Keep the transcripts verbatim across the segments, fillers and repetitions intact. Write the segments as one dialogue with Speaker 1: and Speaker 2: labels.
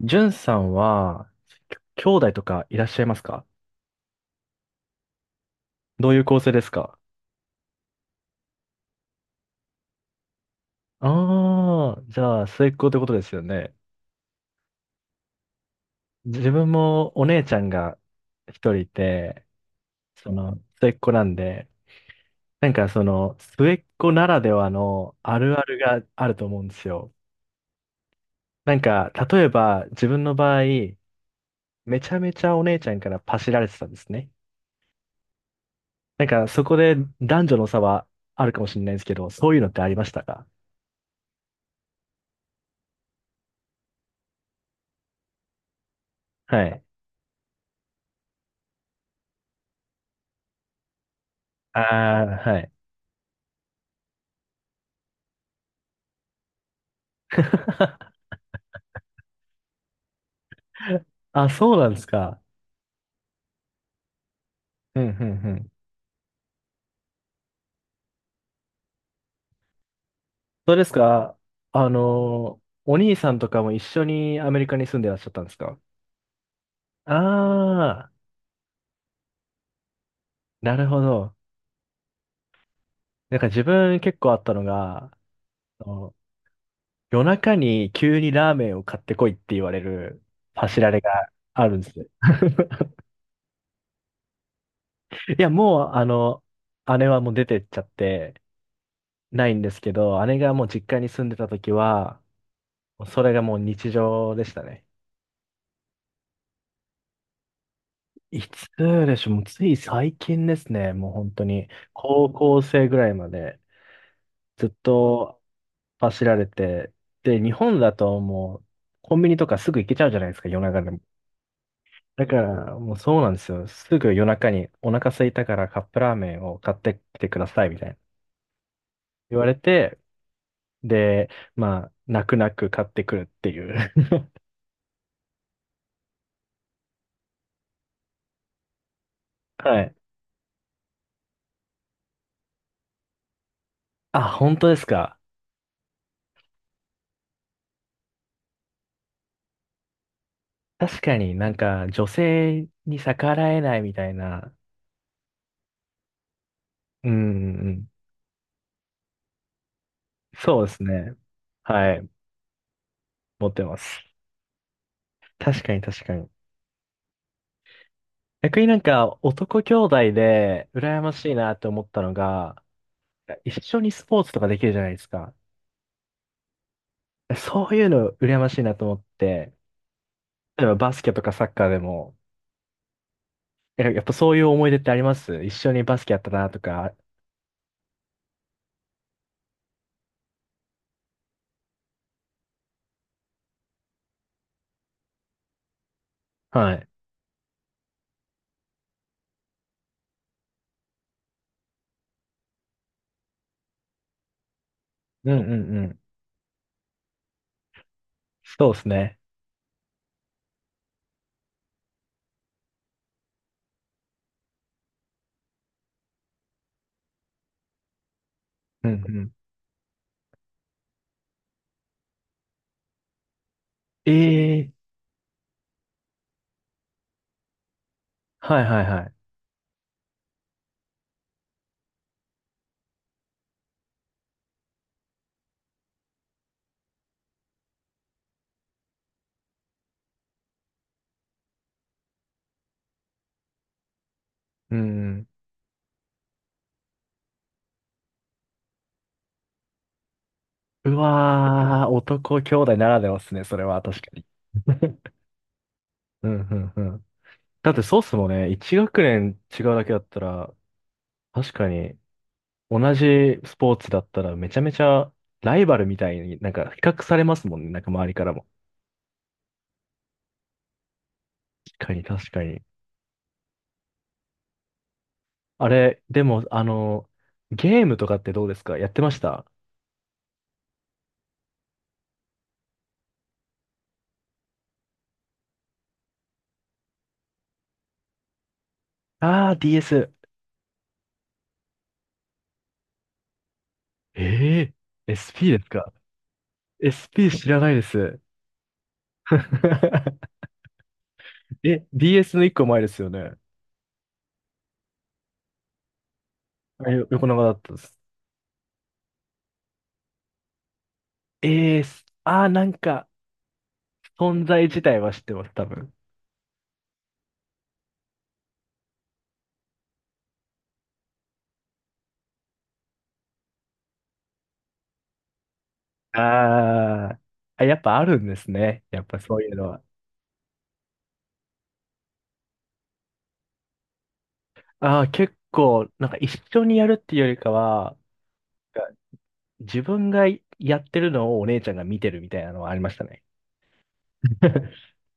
Speaker 1: じゅんさんは、きょ兄弟とかいらっしゃいますか？どういう構成ですか？ああー、じゃあ、末っ子ってことですよね。自分もお姉ちゃんが一人いて、その、末っ子なんで、なんかその、末っ子ならではのあるあるがあると思うんですよ。なんか、例えば、自分の場合、めちゃめちゃお姉ちゃんからパシられてたんですね。なんか、そこで男女の差はあるかもしれないんですけど、そういうのってありましたか？はい。ああ、はい。あ、そうなんですか。うん、うん、うん。そうですか。あの、お兄さんとかも一緒にアメリカに住んでらっしゃったんですか？ああー、なるほど。なんか自分結構あったのが、あの夜中に急にラーメンを買ってこいって言われるパシられがあるんですよ。いや、もう、あの、姉はもう出てっちゃってないんですけど、姉がもう実家に住んでた時は、それがもう日常でしたね。いつでしょう、もうつい最近ですね、もう本当に、高校生ぐらいまでずっと走られて、で、日本だともうコンビニとかすぐ行けちゃうじゃないですか、夜中でも。だからもうそうなんですよ、すぐ夜中にお腹空いたからカップラーメンを買ってきてくださいみたいな言われて、で、まあ、泣く泣く買ってくるっていう。はい。あ、本当ですか。確かになんか女性に逆らえないみたいな。うんうんうん。そうですね。はい。持ってます。確かに確かに。逆になんか男兄弟で羨ましいなって思ったのが、一緒にスポーツとかできるじゃないですか。そういうの羨ましいなと思って、例えばバスケとかサッカーでも、えやっぱそういう思い出ってあります？一緒にバスケやったなとか。はい。うんうんうん。そうですね。うんうん。ええ。はいはいはい。うん。うわー、男兄弟ならではですね、それは確かに。うんうんうん。だってそうっすもんね、一学年違うだけだったら、確かに同じスポーツだったらめちゃめちゃライバルみたいになんか比較されますもんね、なんか周りからも。確かに確かに。あれ、でもあの、ゲームとかってどうですか？やってました？あー、ディーエス。えー、SP ですか？ エスピー 知らないです。え、ディーエス の一個前ですよね。あよ横長だったです。えー、あー、なんか存在自体は知ってます、多分。あー。あ、やっぱあるんですね。やっぱそういうのは。ああ、結構、なんか一緒にやるっていうよりかは、自分がやってるのをお姉ちゃんが見てるみたいなのはありましたね。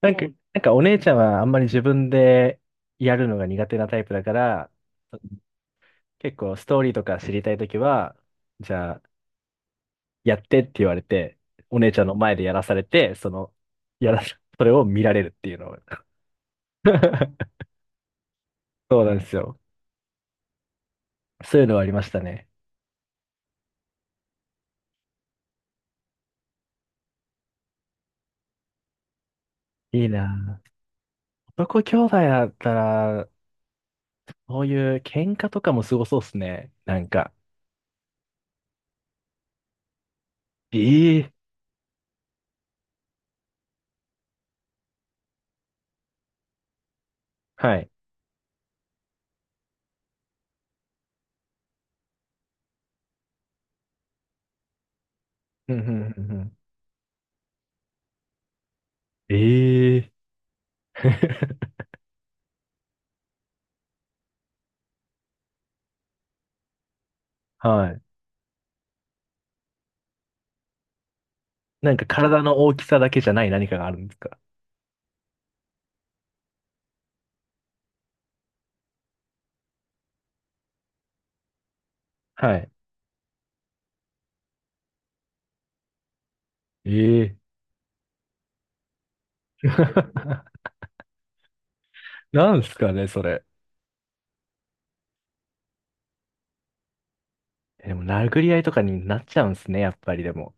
Speaker 1: なんか、なんか、お姉ちゃんはあんまり自分でやるのが苦手なタイプだから、結構ストーリーとか知りたいときは、じゃあやってって言われて、お姉ちゃんの前でやらされて、その、やら、それを見られるっていうのを。そうなんですよ。そういうのはありましたね。いいな。男兄弟だったら、そういう喧嘩とかもすごそうっすね。なんか。ええ。はい。うんうんうんうん。ええ。 はい。なんか体の大きさだけじゃない何かがあるんですか？はい。ええ。 なんすかね、それ。でも、殴り合いとかになっちゃうんすね、やっぱりでも。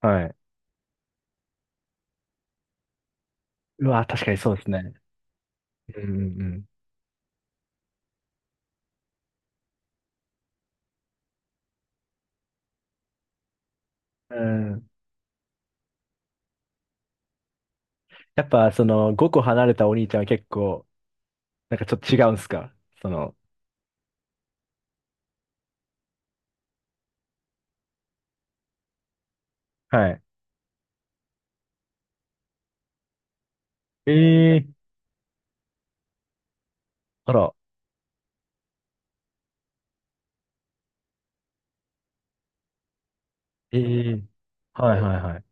Speaker 1: はい。うわ、確かにそうですね。うんうんうん。うん。やっぱ、その、ごこ離れたお兄ちゃんは結構、なんかちょっと違うんすか？その、はい。ええ。あら、ええ。はいはいはい。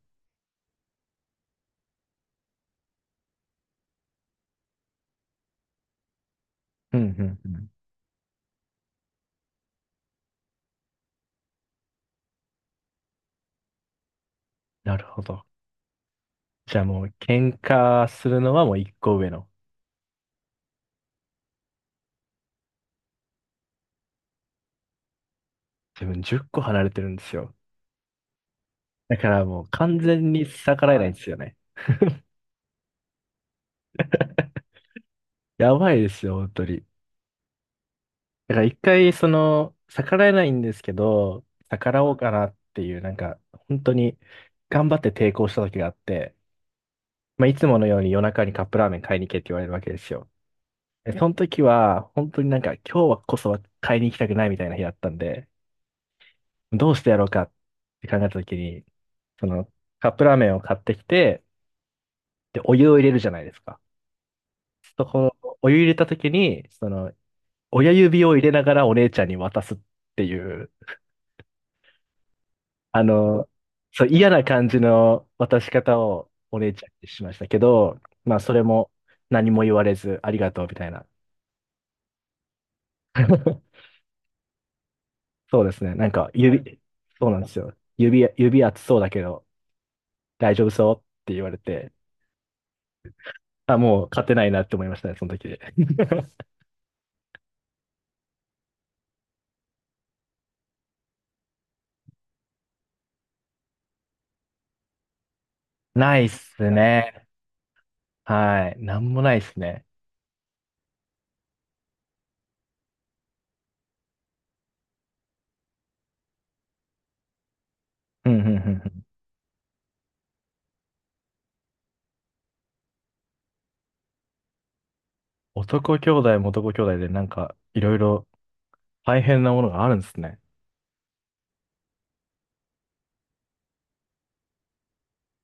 Speaker 1: うんうんうん。なるほど。じゃあもう喧嘩するのはもう一個上の。自分じゅっこ離れてるんですよ。だからもう完全に逆らえないんですよね。やばいですよ、本当に。だから一回その、逆らえないんですけど、逆らおうかなっていう、なんか、本当に頑張って抵抗した時があって、まあいつものように夜中にカップラーメン買いに行けって言われるわけですよ。でその時は、本当になんか今日はこそは買いに行きたくないみたいな日だったんで、どうしてやろうかって考えたときに、その、カップラーメンを買ってきて、で、お湯を入れるじゃないですか。そこ、お湯入れたときに、その、親指を入れながらお姉ちゃんに渡すっていう、あの、そう、嫌な感じの渡し方をお姉ちゃんにしましたけど、まあ、それも何も言われず、ありがとうみたいな。そうですね。なんか、指、そうなんですよ。指、指熱そうだけど、大丈夫そうって言われて、あ、もう勝てないなって思いましたね、その時で。ないっすね。はい。なんもないっすね。うん、うん、うん。うん。男兄弟も男兄弟でなんかいろいろ大変なものがあるんですね。